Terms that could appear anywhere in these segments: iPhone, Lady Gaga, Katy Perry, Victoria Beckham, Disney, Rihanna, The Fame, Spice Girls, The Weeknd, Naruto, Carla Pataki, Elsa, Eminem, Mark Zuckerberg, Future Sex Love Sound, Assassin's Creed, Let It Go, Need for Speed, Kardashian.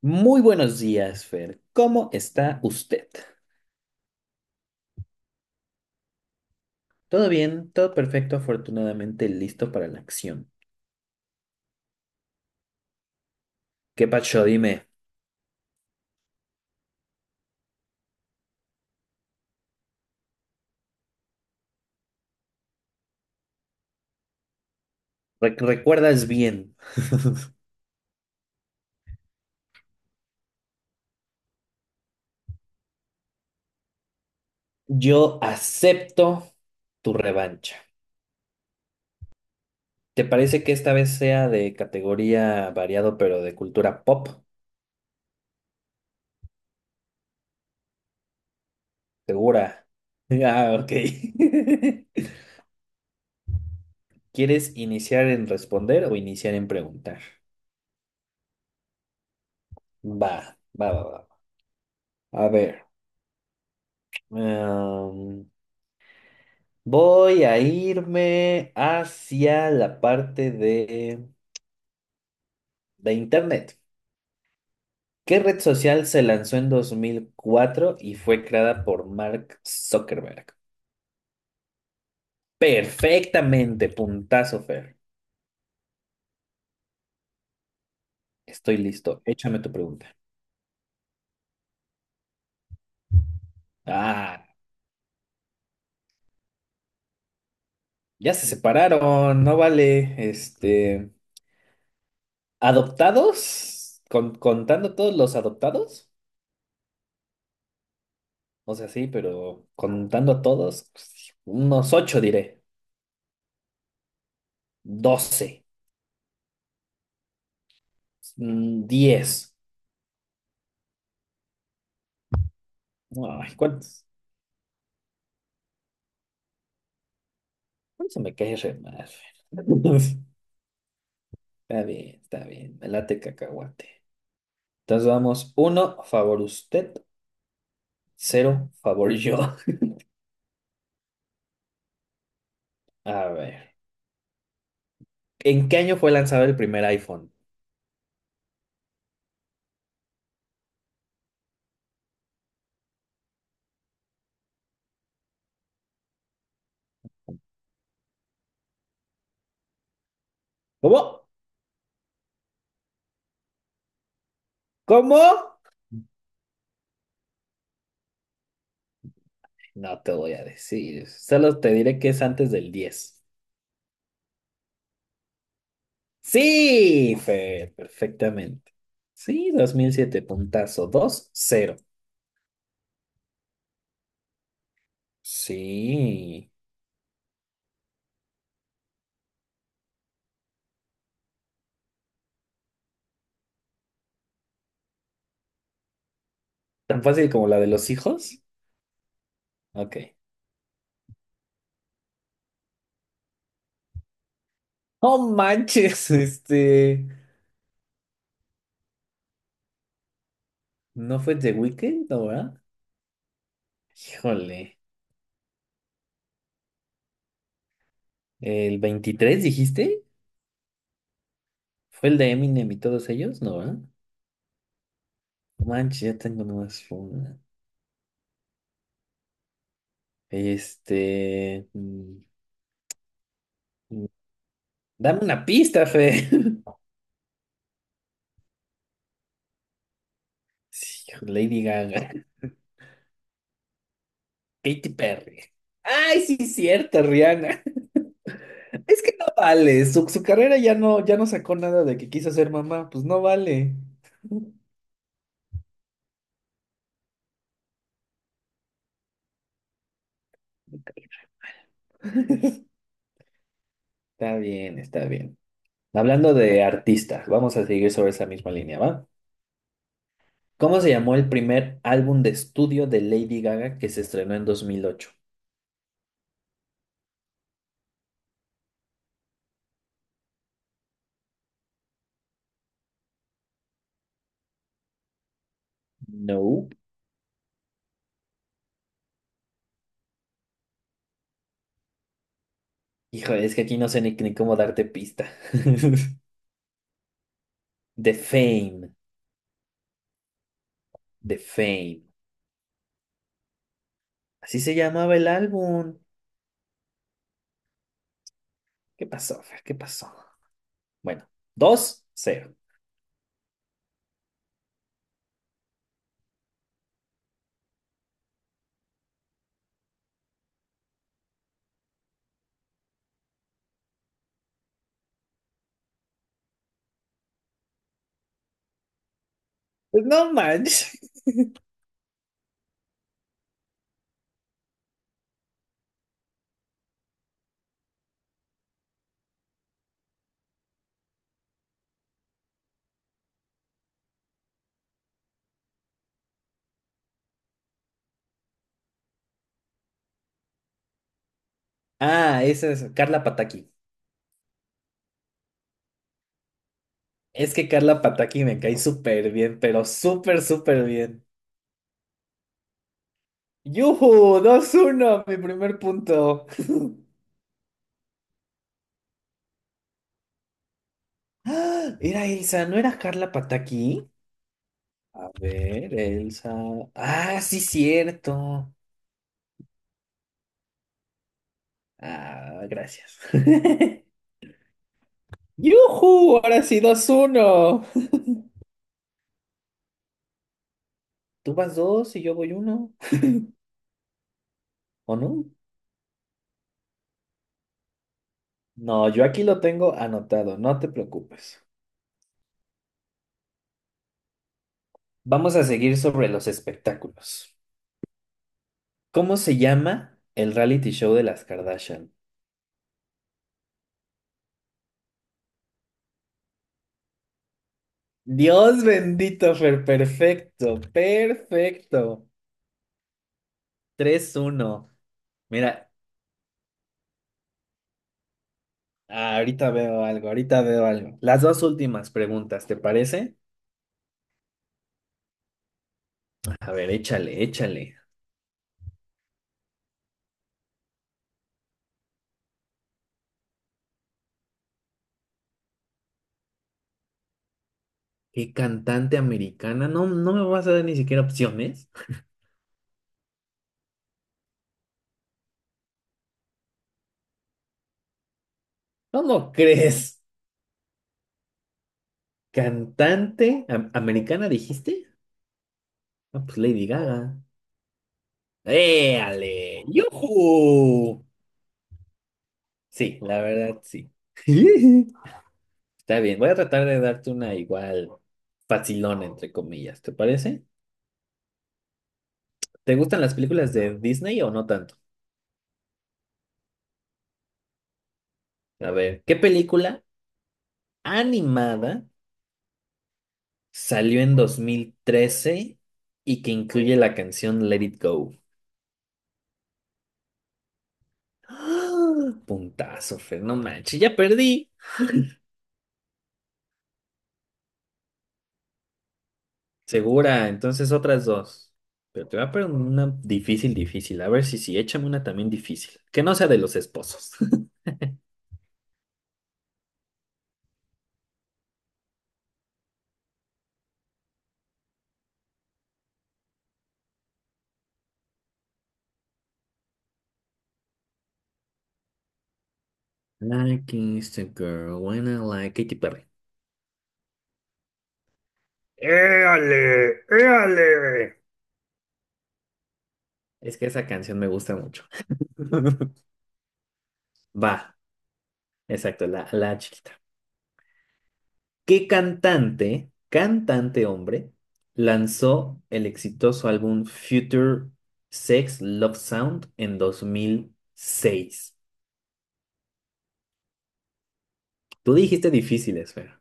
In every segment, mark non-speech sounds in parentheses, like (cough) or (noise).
Muy buenos días, Fer. ¿Cómo está usted? ¿Todo bien? ¿Todo perfecto? Afortunadamente listo para la acción. ¿Qué pacho? Dime, ¿recuerdas bien? Yo acepto tu revancha. ¿Te parece que esta vez sea de categoría variado, pero de cultura pop? ¿Segura? (laughs) Ah, ok. (laughs) ¿Quieres iniciar en responder o iniciar en preguntar? Va, va, va, va. A ver. em, Voy a irme hacia la parte de Internet. ¿Qué red social se lanzó en 2004 y fue creada por Mark Zuckerberg? Perfectamente, puntazo, Fer. Estoy listo. Échame tu pregunta. Ah, ya se separaron, no vale. Este, ¿adoptados? ¿ contando todos los adoptados? O sea, sí, pero contando a todos, pues, unos ocho diré. 12. 10. Ay, ¿cuántos? ¿Cuántos se me cae re mal? (laughs) Está bien, está bien. Me late cacahuate. Entonces vamos, uno, favor usted, cero, favor yo. (laughs) A ver, ¿en qué año fue lanzado el primer iPhone? ¿Cómo? ¿Cómo? No te voy a decir, solo te diré que es antes del 10. Sí, Fer, perfectamente. Sí, 2007 puntazo, dos, cero. Sí, tan fácil como la de los hijos. Ok. No manches, (laughs) este. ¿No fue The Weeknd, no, verdad? Híjole. ¿El 23 dijiste? ¿Fue el de Eminem y todos ellos? No, ¿verdad? No Manches, ya tengo nomás una. Este. Mm, Dame una pista, Fe. (laughs) Sí, Lady Gaga. Katy Perry. Ay, sí, cierto, Rihanna. (laughs) Es que no vale. Su carrera ya no, ya no sacó nada de que quiso ser mamá. Pues no vale. (laughs) Está bien, está bien. Hablando de artistas, vamos a seguir sobre esa misma línea, ¿va? ¿Cómo se llamó el primer álbum de estudio de Lady Gaga que se estrenó en 2008? No. Híjole, es que aquí no sé ni cómo darte pista. (laughs) The Fame, The Fame. Así se llamaba el álbum. ¿Qué pasó, Fer? ¿Qué pasó? Bueno, dos cero. Pues no manches. (laughs) Ah, esa es Carla Pataki. Es que Carla Pataki me cae súper bien, pero súper, súper bien. Yujú. Dos uno, mi primer punto. Era Elsa, ¿no era Carla Pataki? A ver, Elsa. Ah, sí, cierto. Ah, gracias. (laughs) ¡Yujú! Ahora sí, dos uno. Tú vas dos y yo voy uno. ¿O no? No, yo aquí lo tengo anotado, no te preocupes. Vamos a seguir sobre los espectáculos. ¿Cómo se llama el reality show de las Kardashian? Dios bendito, Fer, perfecto, perfecto. Tres uno. Mira, ah, ahorita veo algo, ahorita veo algo. Las dos últimas preguntas, ¿te parece? A ver, échale, échale. ¿Qué cantante americana? No, no me vas a dar ni siquiera opciones. ¿Cómo crees? ¿Cantante americana dijiste? Ah, pues Lady Gaga. ¡Éale! ¡Yujú! Sí, la verdad, sí. (laughs) Está bien, voy a tratar de darte una igual facilona, entre comillas, ¿te parece? ¿Te gustan las películas de Disney o no tanto? A ver, ¿qué película animada salió en 2013 y que incluye la canción Let It Go? ¡Ah! Puntazo, Fer, no manches, ya perdí. Segura, entonces otras dos. Pero te voy a poner una difícil, difícil. A ver si sí, échame una también difícil. Que no sea de los esposos. (laughs) Like is the girl when I like Katy Perry. ¡Éale! ¡Éale! Es que esa canción me gusta mucho. (laughs) Va, exacto, la chiquita. ¿Qué cantante, cantante hombre, lanzó el exitoso álbum Future Sex Love Sound en 2006? Tú dijiste difíciles, Fer.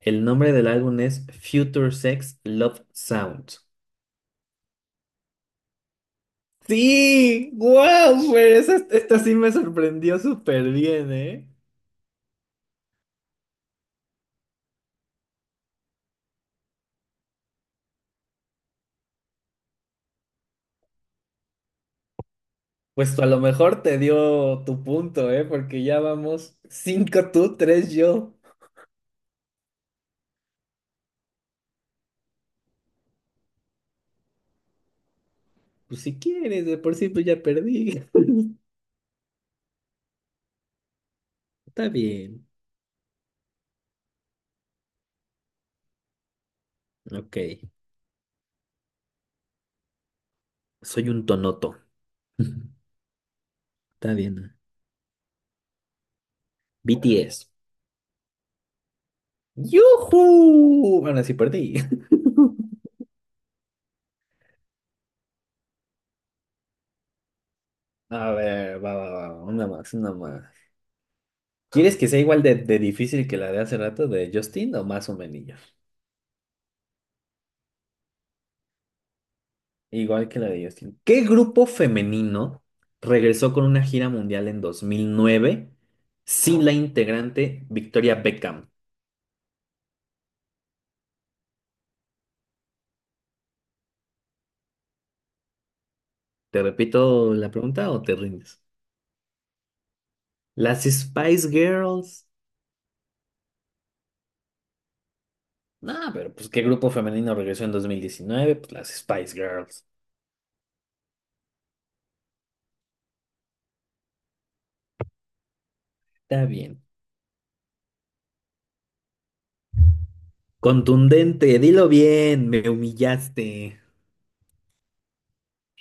El nombre del álbum es Future Sex Love Sound. Sí, wow, Fer, esta sí me sorprendió súper bien, ¿eh? Pues a lo mejor te dio tu punto, ¿eh? Porque ya vamos cinco tú, tres yo. Pues si quieres, de por sí pues ya perdí. (laughs) Está bien. Ok. Soy un tonoto. (laughs) Está bien. BTS. ¡Yujú! Ahora sí perdí. (laughs) A ver, va, va, va. Una más, una más. ¿Quieres que sea igual de difícil que la de hace rato de Justin o más o menos? Igual que la de Justin. ¿Qué grupo femenino regresó con una gira mundial en 2009 sin la integrante Victoria Beckham? ¿Te repito la pregunta o te rindes? Las Spice Girls. No, pero pues qué grupo femenino regresó en 2019, pues las Spice Girls. Está bien. Contundente, dilo bien, me humillaste.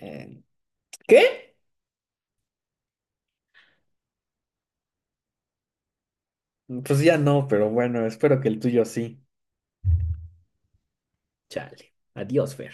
Eh, ¿Qué? Pues ya no, pero bueno, espero que el tuyo sí. Chale. Adiós, Fer.